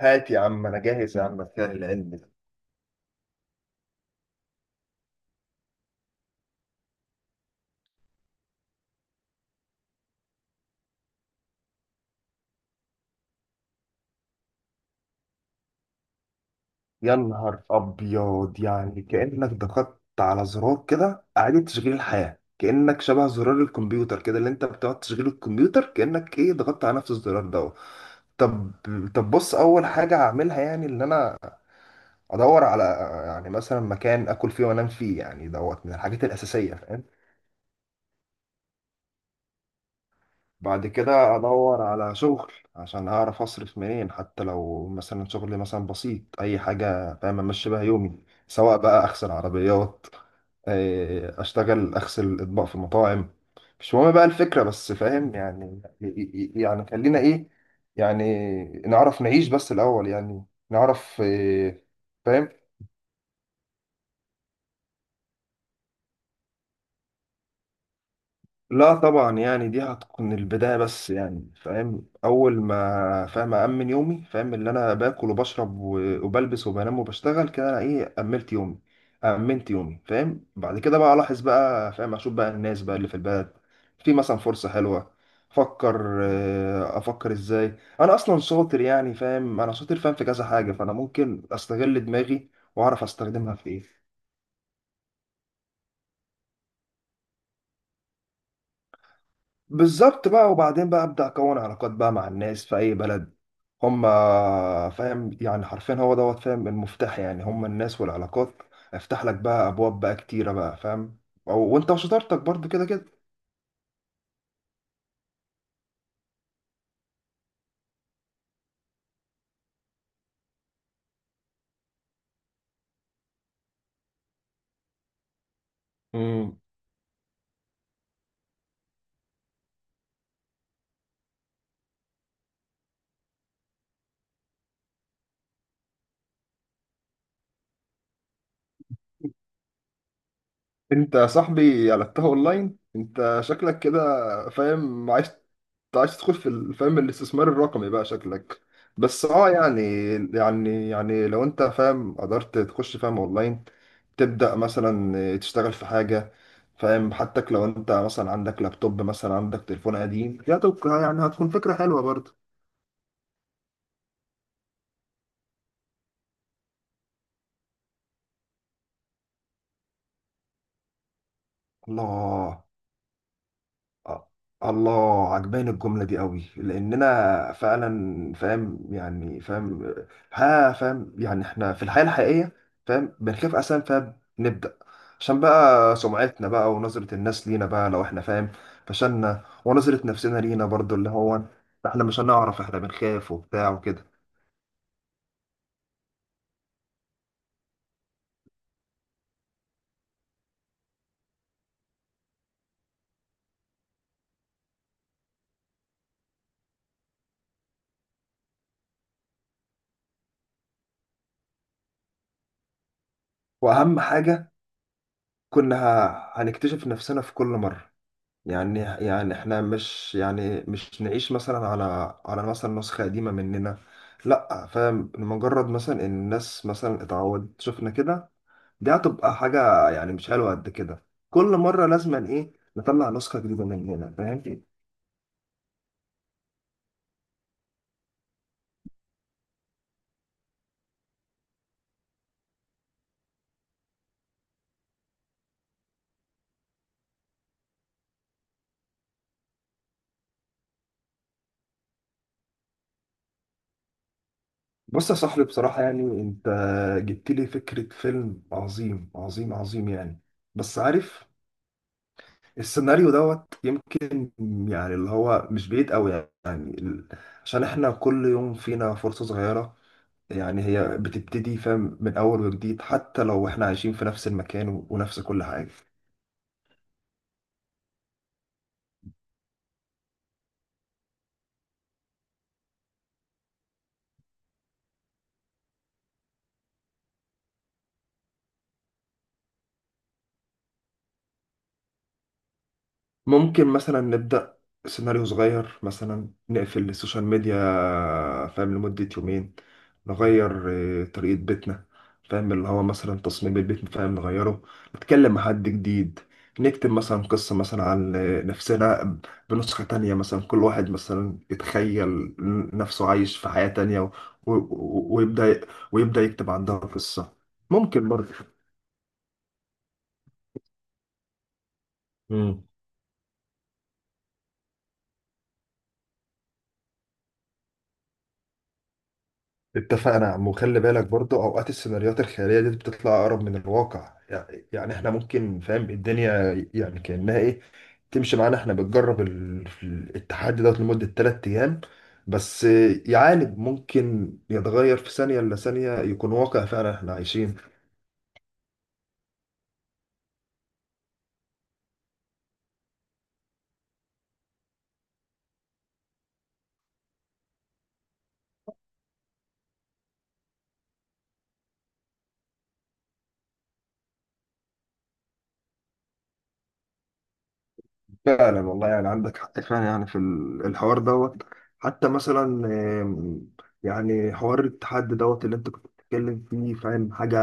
هات يا عم، انا جاهز يا عم بتاع العلم ده. يا نهار ابيض، يعني كانك ضغطت على زرار كده اعاده تشغيل الحياه، كانك شبه زرار الكمبيوتر كده اللي انت بتقعد تشغيل الكمبيوتر، كانك ايه ضغطت على نفس الزرار ده. طب طب بص، اول حاجه هعملها يعني ان انا ادور على، يعني مثلا مكان اكل فيه وانام فيه، يعني دوت من الحاجات الاساسيه. بعد كده ادور على شغل عشان اعرف اصرف منين، حتى لو مثلا شغل مثلا بسيط، اي حاجه فاهم امشي بيها يومي. سواء بقى اغسل عربيات، اشتغل اغسل اطباق في المطاعم، مش مهم بقى الفكره بس فاهم. يعني يعني خلينا ايه، يعني نعرف نعيش بس الاول، يعني نعرف فاهم. لا طبعا، يعني دي هتكون البداية بس، يعني فاهم أول ما فاهم أأمن يومي، فاهم اللي أنا باكل وبشرب وبلبس وبنام وبشتغل كده، أنا إيه أملت يومي، أمنت يومي فاهم. بعد كده بقى ألاحظ بقى، فاهم أشوف بقى الناس بقى اللي في البلد، في مثلا فرصة حلوة، أفكر، أفكر إزاي. أنا أصلا شاطر، يعني فاهم أنا شاطر فاهم في كذا حاجة، فأنا ممكن أستغل دماغي وأعرف أستخدمها في إيه. بالظبط بقى. وبعدين بقى ابدا اكون علاقات بقى مع الناس في اي بلد، هم. فاهم يعني حرفيا هو دوت، فاهم المفتاح يعني هم الناس والعلاقات، افتح لك بقى ابواب بقى كتيره بقى فاهم. وانت وشطارتك برضو كده كده. مم. انت يا صاحبي قلبتها اونلاين، انت شكلك كده فاهم عايز، عايز تدخل في فاهم الاستثمار الرقمي بقى شكلك. بس اه يعني، يعني لو انت فاهم قدرت تخش فاهم اونلاين، تبدأ مثلا تشتغل في حاجة، فاهم حتى لو انت مثلا عندك لابتوب مثلا عندك تليفون قديم، دي هتبقى- يعني هتكون فكرة حلوة برضه. الله. آه. الله عجباني الجملة دي قوي، لأننا فعلا فاهم يعني فاهم. ها فاهم، يعني احنا في الحياة الحقيقية فاهم بنخاف أساسا فاهم نبدأ، عشان بقى سمعتنا بقى ونظرة الناس لينا بقى، لو احنا فاهم فشلنا، ونظرة نفسنا لينا برضو، اللي هو احنا مش هنعرف، احنا بنخاف وبتاع وكده. وأهم حاجة، كنا هنكتشف نفسنا في كل مرة، يعني احنا مش يعني مش نعيش مثلا على، على مثلا نسخة قديمة مننا، لا فاهم مجرد مثلا ان الناس مثلا اتعودت شفنا كده، دي هتبقى حاجة يعني مش حلوة قد كده. كل مرة لازم ايه نطلع نسخة جديدة مننا فاهم. بص يا صاحبي، بصراحة يعني انت جبت لي فكرة فيلم عظيم عظيم عظيم يعني، بس عارف السيناريو دوت يمكن، يعني اللي هو مش بعيد قوي، يعني عشان احنا كل يوم فينا فرصة صغيرة، يعني هي بتبتدي فاهم من اول وجديد، حتى لو احنا عايشين في نفس المكان ونفس كل حاجة. ممكن مثلا نبدأ سيناريو صغير، مثلا نقفل السوشيال ميديا فاهم لمدة يومين، نغير طريقة بيتنا، فاهم اللي هو مثلا تصميم البيت فاهم نغيره، نتكلم مع حد جديد، نكتب مثلا قصة مثلا عن نفسنا بنسخة تانية، مثلا كل واحد مثلا يتخيل نفسه عايش في حياة تانية ويبدأ، يكتب عندها قصة ممكن برضه. اتفقنا يا عم. وخلي بالك برضه اوقات السيناريوهات الخياليه دي بتطلع اقرب من الواقع، يعني احنا ممكن فاهم الدنيا، يعني كانها ايه تمشي معانا، احنا بنجرب التحدي دوت لمده ثلاث ايام بس، يعالج ممكن يتغير في ثانيه الا ثانيه، يكون واقع فعلا احنا عايشين. فعلا والله، يعني عندك حق فعلا، يعني في الحوار دوت. حتى مثلا، آم، يعني حوار التحدي دوت اللي انت كنت بتتكلم فيه فاهم حاجة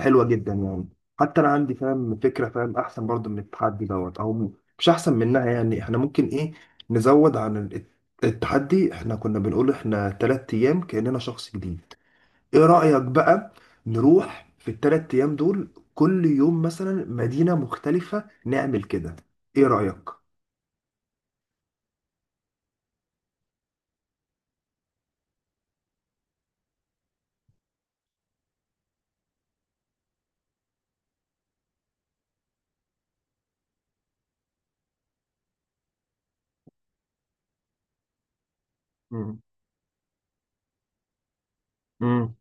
حلوة جدا يعني. حتى انا عندي فاهم فكرة فاهم احسن برضو من التحدي دوت، او مش احسن منها، يعني احنا ممكن ايه نزود عن التحدي، احنا كنا بنقول احنا تلات ايام كأننا شخص جديد. ايه رأيك بقى نروح في الثلاث ايام دول كل يوم مثلا مدينة مختلفة نعمل كده؟ ايه رأيك؟ مم. مم.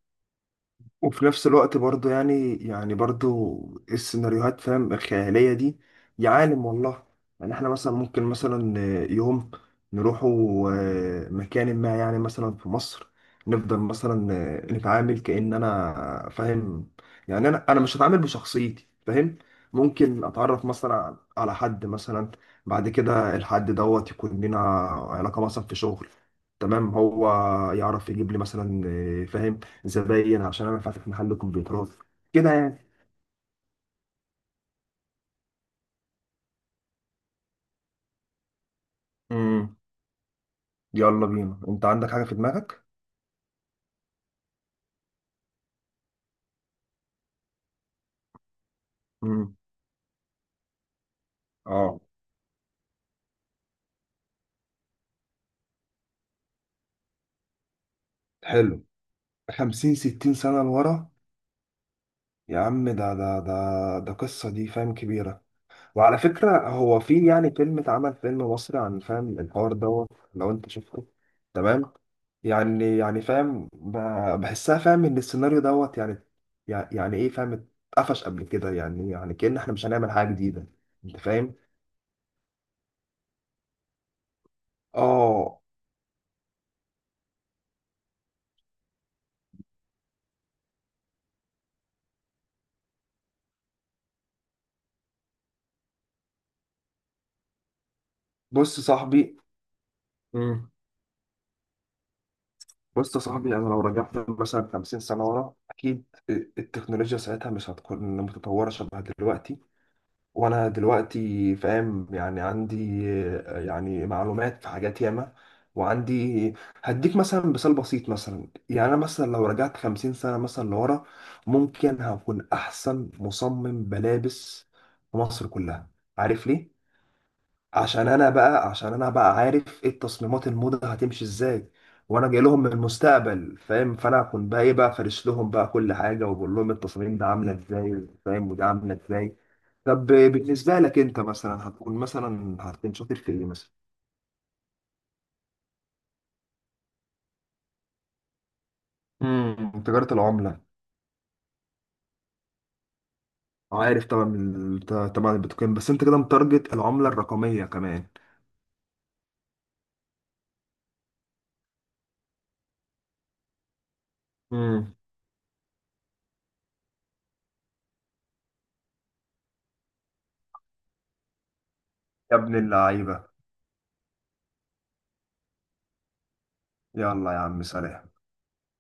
وفي نفس الوقت برضو، يعني برضو السيناريوهات فاهم الخيالية دي، يا عالم والله، يعني احنا مثلا ممكن مثلا يوم نروحوا مكان ما، يعني مثلا في مصر، نفضل مثلا نتعامل كأن انا فاهم، يعني انا مش هتعامل بشخصيتي فاهم، ممكن اتعرف مثلا على حد مثلا، بعد كده الحد دوت يكون لنا علاقة مثلا في شغل، تمام، هو يعرف يجيب لي مثلا فاهم زباين عشان انا فاتح محل كمبيوترات كده يعني. امم، يلا بينا انت عندك حاجة في دماغك؟ امم، اه. حلو، 50 60 سنة لورا. يا عم ده قصة دي فاهم كبيرة. وعلى فكرة هو في يعني فيلم اتعمل فيلم مصري عن فاهم الحوار دوت لو انت شفته، تمام. يعني فاهم بحسها فاهم ان السيناريو دوت يعني، يعني ايه فاهم اتقفش قبل كده، يعني كأن احنا مش هنعمل حاجة جديدة، انت فاهم. اه. بص يا صاحبي امم. بص يا صاحبي، انا لو رجعت مثلا 50 سنه ورا، اكيد التكنولوجيا ساعتها مش هتكون متطوره شبه دلوقتي، وانا دلوقتي فاهم يعني عندي يعني معلومات في حاجات ياما، وعندي هديك مثلا مثال بسيط مثلا، يعني انا مثلا لو رجعت 50 سنه مثلا لورا، ممكن هكون احسن مصمم ملابس في مصر كلها. عارف ليه؟ عشان انا بقى عارف ايه التصميمات، الموضه هتمشي ازاي، وانا جاي لهم من المستقبل فاهم، فانا اكون بقى ايه بقى فارش لهم بقى كل حاجه، وبقول لهم التصاميم ده عامله ازاي فاهم وده عامله ازاي. طب بالنسبه لك انت مثلا هتكون مثلا هتكون شاطر في ايه مثلا؟ امم، تجاره العمله. عارف طبعا طبعا البيتكوين، بس انت كده متارجت العمله الرقميه كمان. امم. يا ابن اللعيبه. يلا يا عم سلام.